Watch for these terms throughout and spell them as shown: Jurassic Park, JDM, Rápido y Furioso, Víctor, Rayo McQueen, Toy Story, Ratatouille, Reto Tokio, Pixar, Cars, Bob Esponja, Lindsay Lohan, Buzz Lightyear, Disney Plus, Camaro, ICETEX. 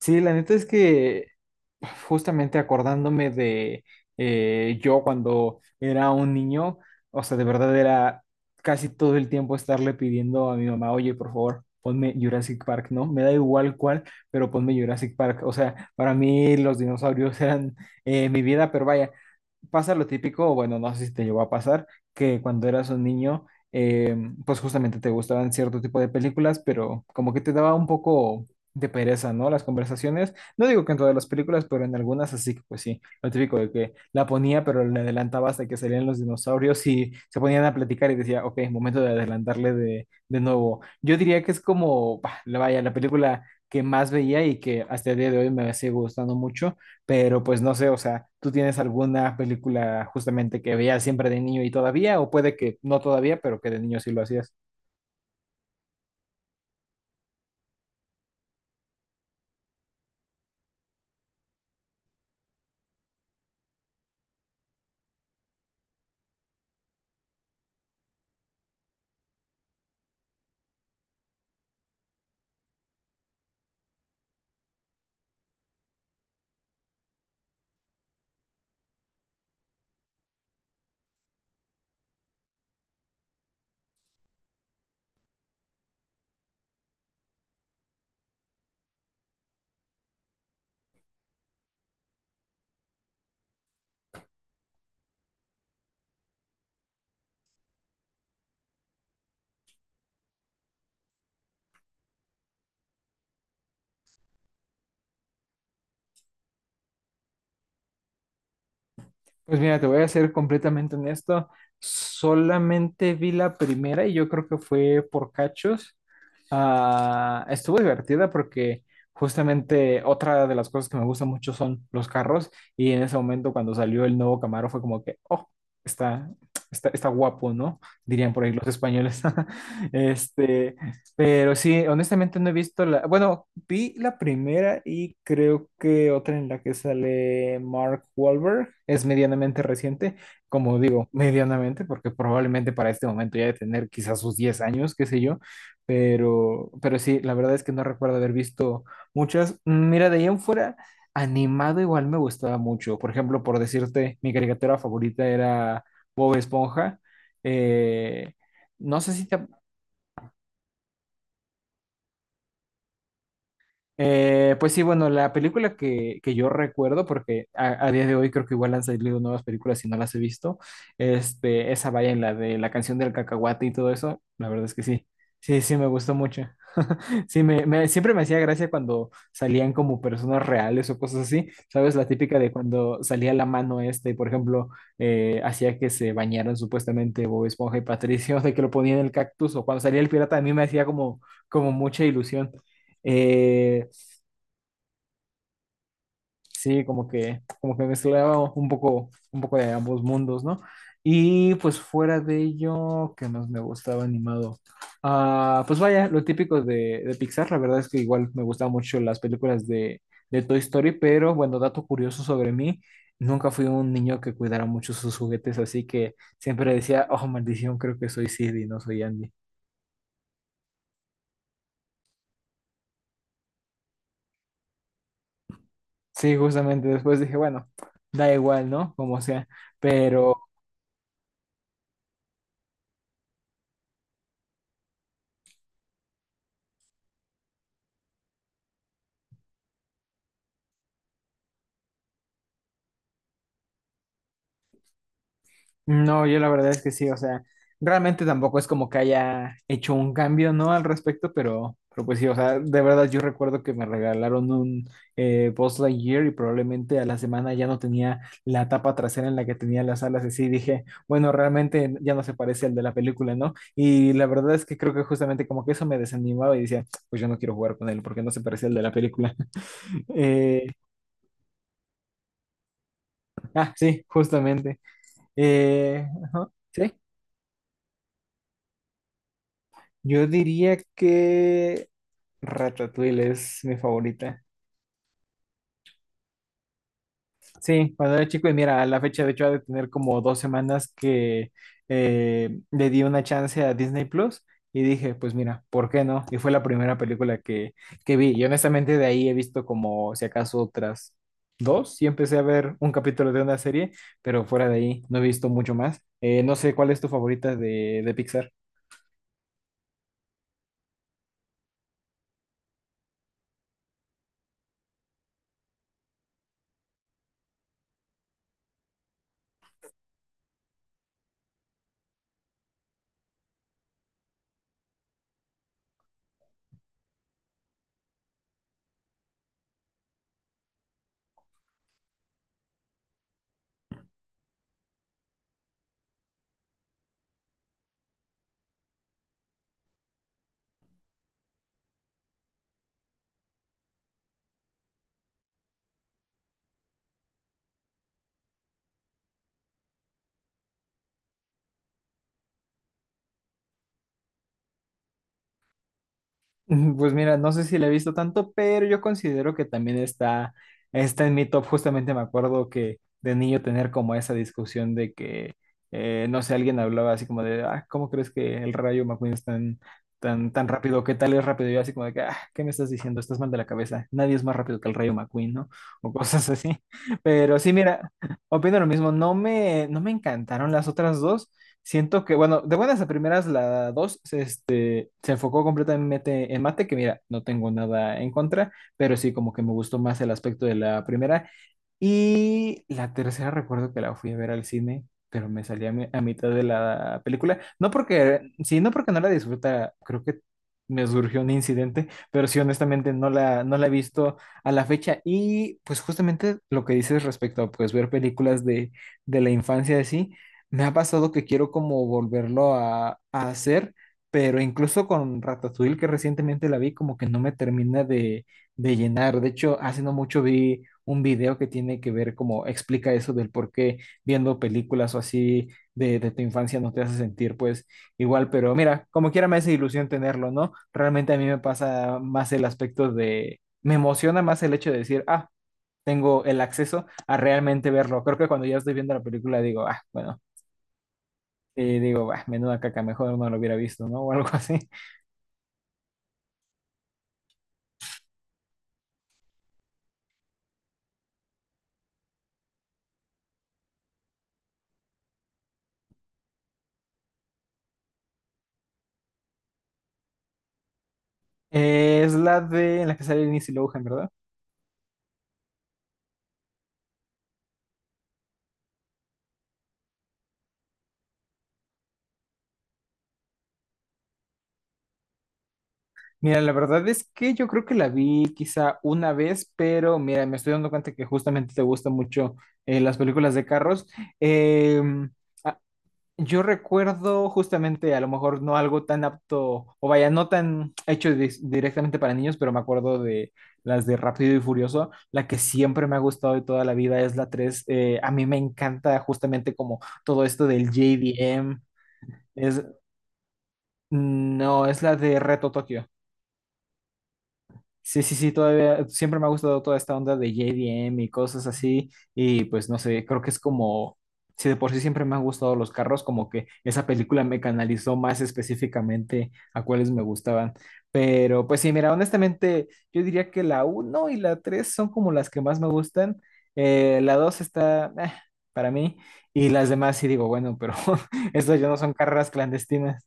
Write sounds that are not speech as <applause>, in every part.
Sí, la neta es que justamente acordándome de yo cuando era un niño, o sea, de verdad era casi todo el tiempo estarle pidiendo a mi mamá, oye, por favor, ponme Jurassic Park, ¿no? Me da igual cuál, pero ponme Jurassic Park. O sea, para mí los dinosaurios <laughs> eran mi vida, pero vaya, pasa lo típico, o bueno, no sé si te llegó a pasar, que cuando eras un niño, eh, pues justamente te gustaban cierto tipo de películas, pero como que te daba un poco de pereza, ¿no? Las conversaciones. No digo que en todas las películas, pero en algunas así que pues sí, lo típico de que la ponía, pero le adelantaba hasta que salían los dinosaurios y se ponían a platicar y decía, ok, momento de adelantarle de nuevo. Yo diría que es como, bah, vaya, la película que más veía y que hasta el día de hoy me sigue gustando mucho, pero pues no sé, o sea, ¿tú tienes alguna película justamente que veías siempre de niño y todavía? O puede que no todavía, pero que de niño sí lo hacías. Pues mira, te voy a ser completamente honesto. Solamente vi la primera y yo creo que fue por cachos. Ah, estuvo divertida porque justamente otra de las cosas que me gustan mucho son los carros y en ese momento cuando salió el nuevo Camaro fue como que, oh, está, está guapo, ¿no? Dirían por ahí los españoles. <laughs> Este, pero sí, honestamente no he visto la, bueno, vi la primera y creo que otra en la que sale Mark Wahlberg es medianamente reciente, como digo, medianamente, porque probablemente para este momento ya de tener quizás sus 10 años, qué sé yo, pero sí, la verdad es que no recuerdo haber visto muchas. Mira, de ahí en fuera, animado igual me gustaba mucho. Por ejemplo, por decirte, mi caricatura favorita era Bob Esponja. Eh, no sé si te, pues sí, bueno, la película que yo recuerdo, porque a día de hoy creo que igual han salido nuevas películas y no las he visto, este, esa vaya en la de la canción del cacahuate y todo eso, la verdad es que sí, sí, sí me gustó mucho. <laughs> Sí, siempre me hacía gracia cuando salían como personas reales o cosas así, ¿sabes? La típica de cuando salía la mano este, por ejemplo, hacía que se bañaran supuestamente Bob Esponja y Patricio, <laughs> de que lo ponían en el cactus, o cuando salía el pirata, a mí me hacía como, mucha ilusión. Eh, Sí, como que mezclaba un poco de ambos mundos, ¿no? Y pues fuera de ello, ¿qué más me gustaba animado? Ah, pues vaya, lo típico de Pixar, la verdad es que igual me gustaban mucho las películas de Toy Story, pero bueno, dato curioso sobre mí, nunca fui un niño que cuidara mucho sus juguetes, así que siempre decía, oh, maldición, creo que soy Sid y no soy Andy. Sí, justamente después dije, bueno, da igual, ¿no? Como sea. Pero no, yo la verdad es que sí, o sea, realmente tampoco es como que haya hecho un cambio, ¿no? Al respecto, pero pues sí, o sea, de verdad yo recuerdo que me regalaron un Buzz Lightyear y probablemente a la semana ya no tenía la tapa trasera en la que tenía las alas, así dije, bueno, realmente ya no se parece al de la película, ¿no? Y la verdad es que creo que justamente como que eso me desanimaba y decía, pues yo no quiero jugar con él porque no se parece al de la película. <laughs> Eh, ah, sí, justamente. Ajá, sí. Yo diría que Ratatouille es mi favorita. Sí, cuando era chico, y mira, a la fecha de hecho ha de tener como 2 semanas que le di una chance a Disney Plus y dije, pues mira, ¿por qué no? Y fue la primera película que vi. Y honestamente de ahí he visto como si acaso otras dos y empecé a ver un capítulo de una serie, pero fuera de ahí no he visto mucho más. No sé, ¿cuál es tu favorita de Pixar? <laughs> Pues mira, no sé si la he visto tanto, pero yo considero que también está en mi top. Justamente me acuerdo que de niño tener como esa discusión de que, no sé, alguien hablaba así como de, ah, ¿cómo crees que el rayo McQueen es tan rápido? ¿Qué tal es rápido? Y yo así como de que, ah, ¿qué me estás diciendo? Estás mal de la cabeza. Nadie es más rápido que el rayo McQueen, ¿no? O cosas así. <laughs> Pero sí, mira, opino lo mismo. No me encantaron las otras dos. Siento que, bueno, de buenas a primeras, la dos se enfocó completamente en mate, que mira, no tengo nada en contra, pero sí como que me gustó más el aspecto de la primera y la tercera recuerdo que la fui a ver al cine, pero me salí a mitad de la película. No porque, sí, no porque no la disfruta, creo que me surgió un incidente, pero sí, honestamente no la he visto a la fecha. Y pues justamente lo que dices respecto a pues ver películas de la infancia así, me ha pasado que quiero como volverlo a hacer, pero incluso con Ratatouille, que recientemente la vi, como que no me termina de llenar. De hecho, hace no mucho vi un video que tiene que ver como explica eso del por qué viendo películas o así de tu infancia no te hace sentir pues igual, pero mira, como quiera me hace ilusión tenerlo, ¿no? Realmente a mí me pasa más el aspecto de, me emociona más el hecho de decir, ah, tengo el acceso a realmente verlo. Creo que cuando ya estoy viendo la película digo, ah, bueno. Y digo, bah, menuda caca, mejor no lo hubiera visto, ¿no? <laughs> O algo así. <laughs> Es la de en la que sale Lindsay Lohan, ¿verdad? Mira, la verdad es que yo creo que la vi quizá una vez, pero mira, me estoy dando cuenta que justamente te gustan mucho las películas de carros. Em, ah, yo recuerdo justamente, a lo mejor no algo tan apto, o vaya, no tan hecho directamente para niños, pero me acuerdo de las de Rápido y Furioso. La que siempre me ha gustado de toda la vida es la 3. A mí me encanta justamente como todo esto del JDM. Es, no, es la de Reto Tokio. Sí, sí, sí, todavía siempre me ha gustado toda esta onda de JDM y cosas así. Y pues no sé, creo que es como, si de por sí siempre me han gustado los carros, como que esa película me canalizó más específicamente a cuáles me gustaban. Pero pues sí, mira, honestamente, yo diría que la uno y la 3 son como las que más me gustan. La 2 está para mí y las demás sí digo, bueno, pero <laughs> estas ya no son carreras clandestinas.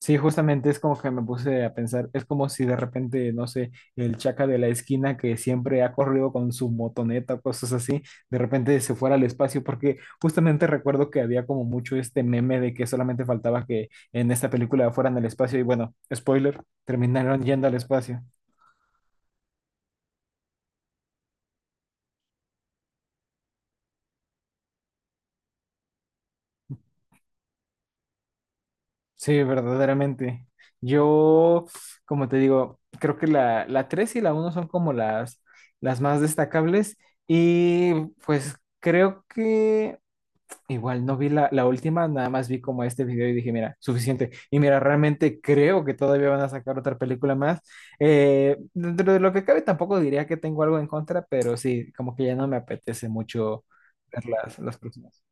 Sí, justamente es como que me puse a pensar, es como si de repente, no sé, el chaca de la esquina que siempre ha corrido con su motoneta o cosas así, de repente se fuera al espacio, porque justamente recuerdo que había como mucho este meme de que solamente faltaba que en esta película fueran al espacio y bueno, spoiler, terminaron yendo al espacio. Sí, verdaderamente. Yo, como te digo, creo que la 3 y la uno son como las más destacables y pues creo que... Igual no vi la última, nada más vi como este video y dije, mira, suficiente. Y mira, realmente creo que todavía van a sacar otra película más. Dentro de lo que cabe, tampoco diría que tengo algo en contra, pero sí, como que ya no me apetece mucho ver las próximas.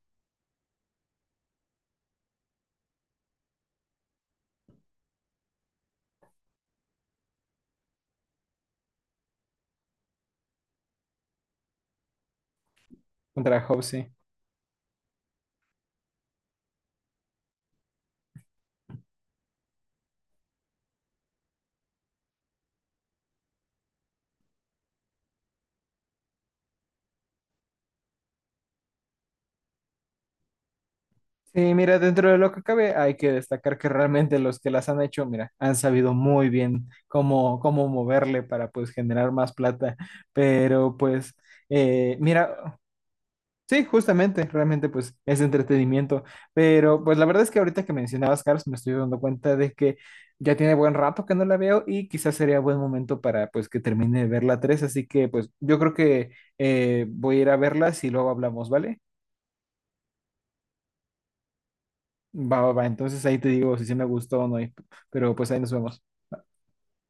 Contra Hope, sí. Sí, mira, dentro de lo que cabe, hay que destacar que realmente los que las han hecho, mira, han sabido muy bien cómo moverle para pues generar más plata. Pero pues, mira. Sí, justamente, realmente pues es entretenimiento, pero pues la verdad es que ahorita que mencionabas Cars me estoy dando cuenta de que ya tiene buen rato que no la veo y quizás sería buen momento para pues que termine de ver la 3, así que pues yo creo que voy a ir a verla y luego hablamos, ¿vale? Va, va, va, entonces ahí te digo si sí me gustó o no, pero pues ahí nos vemos.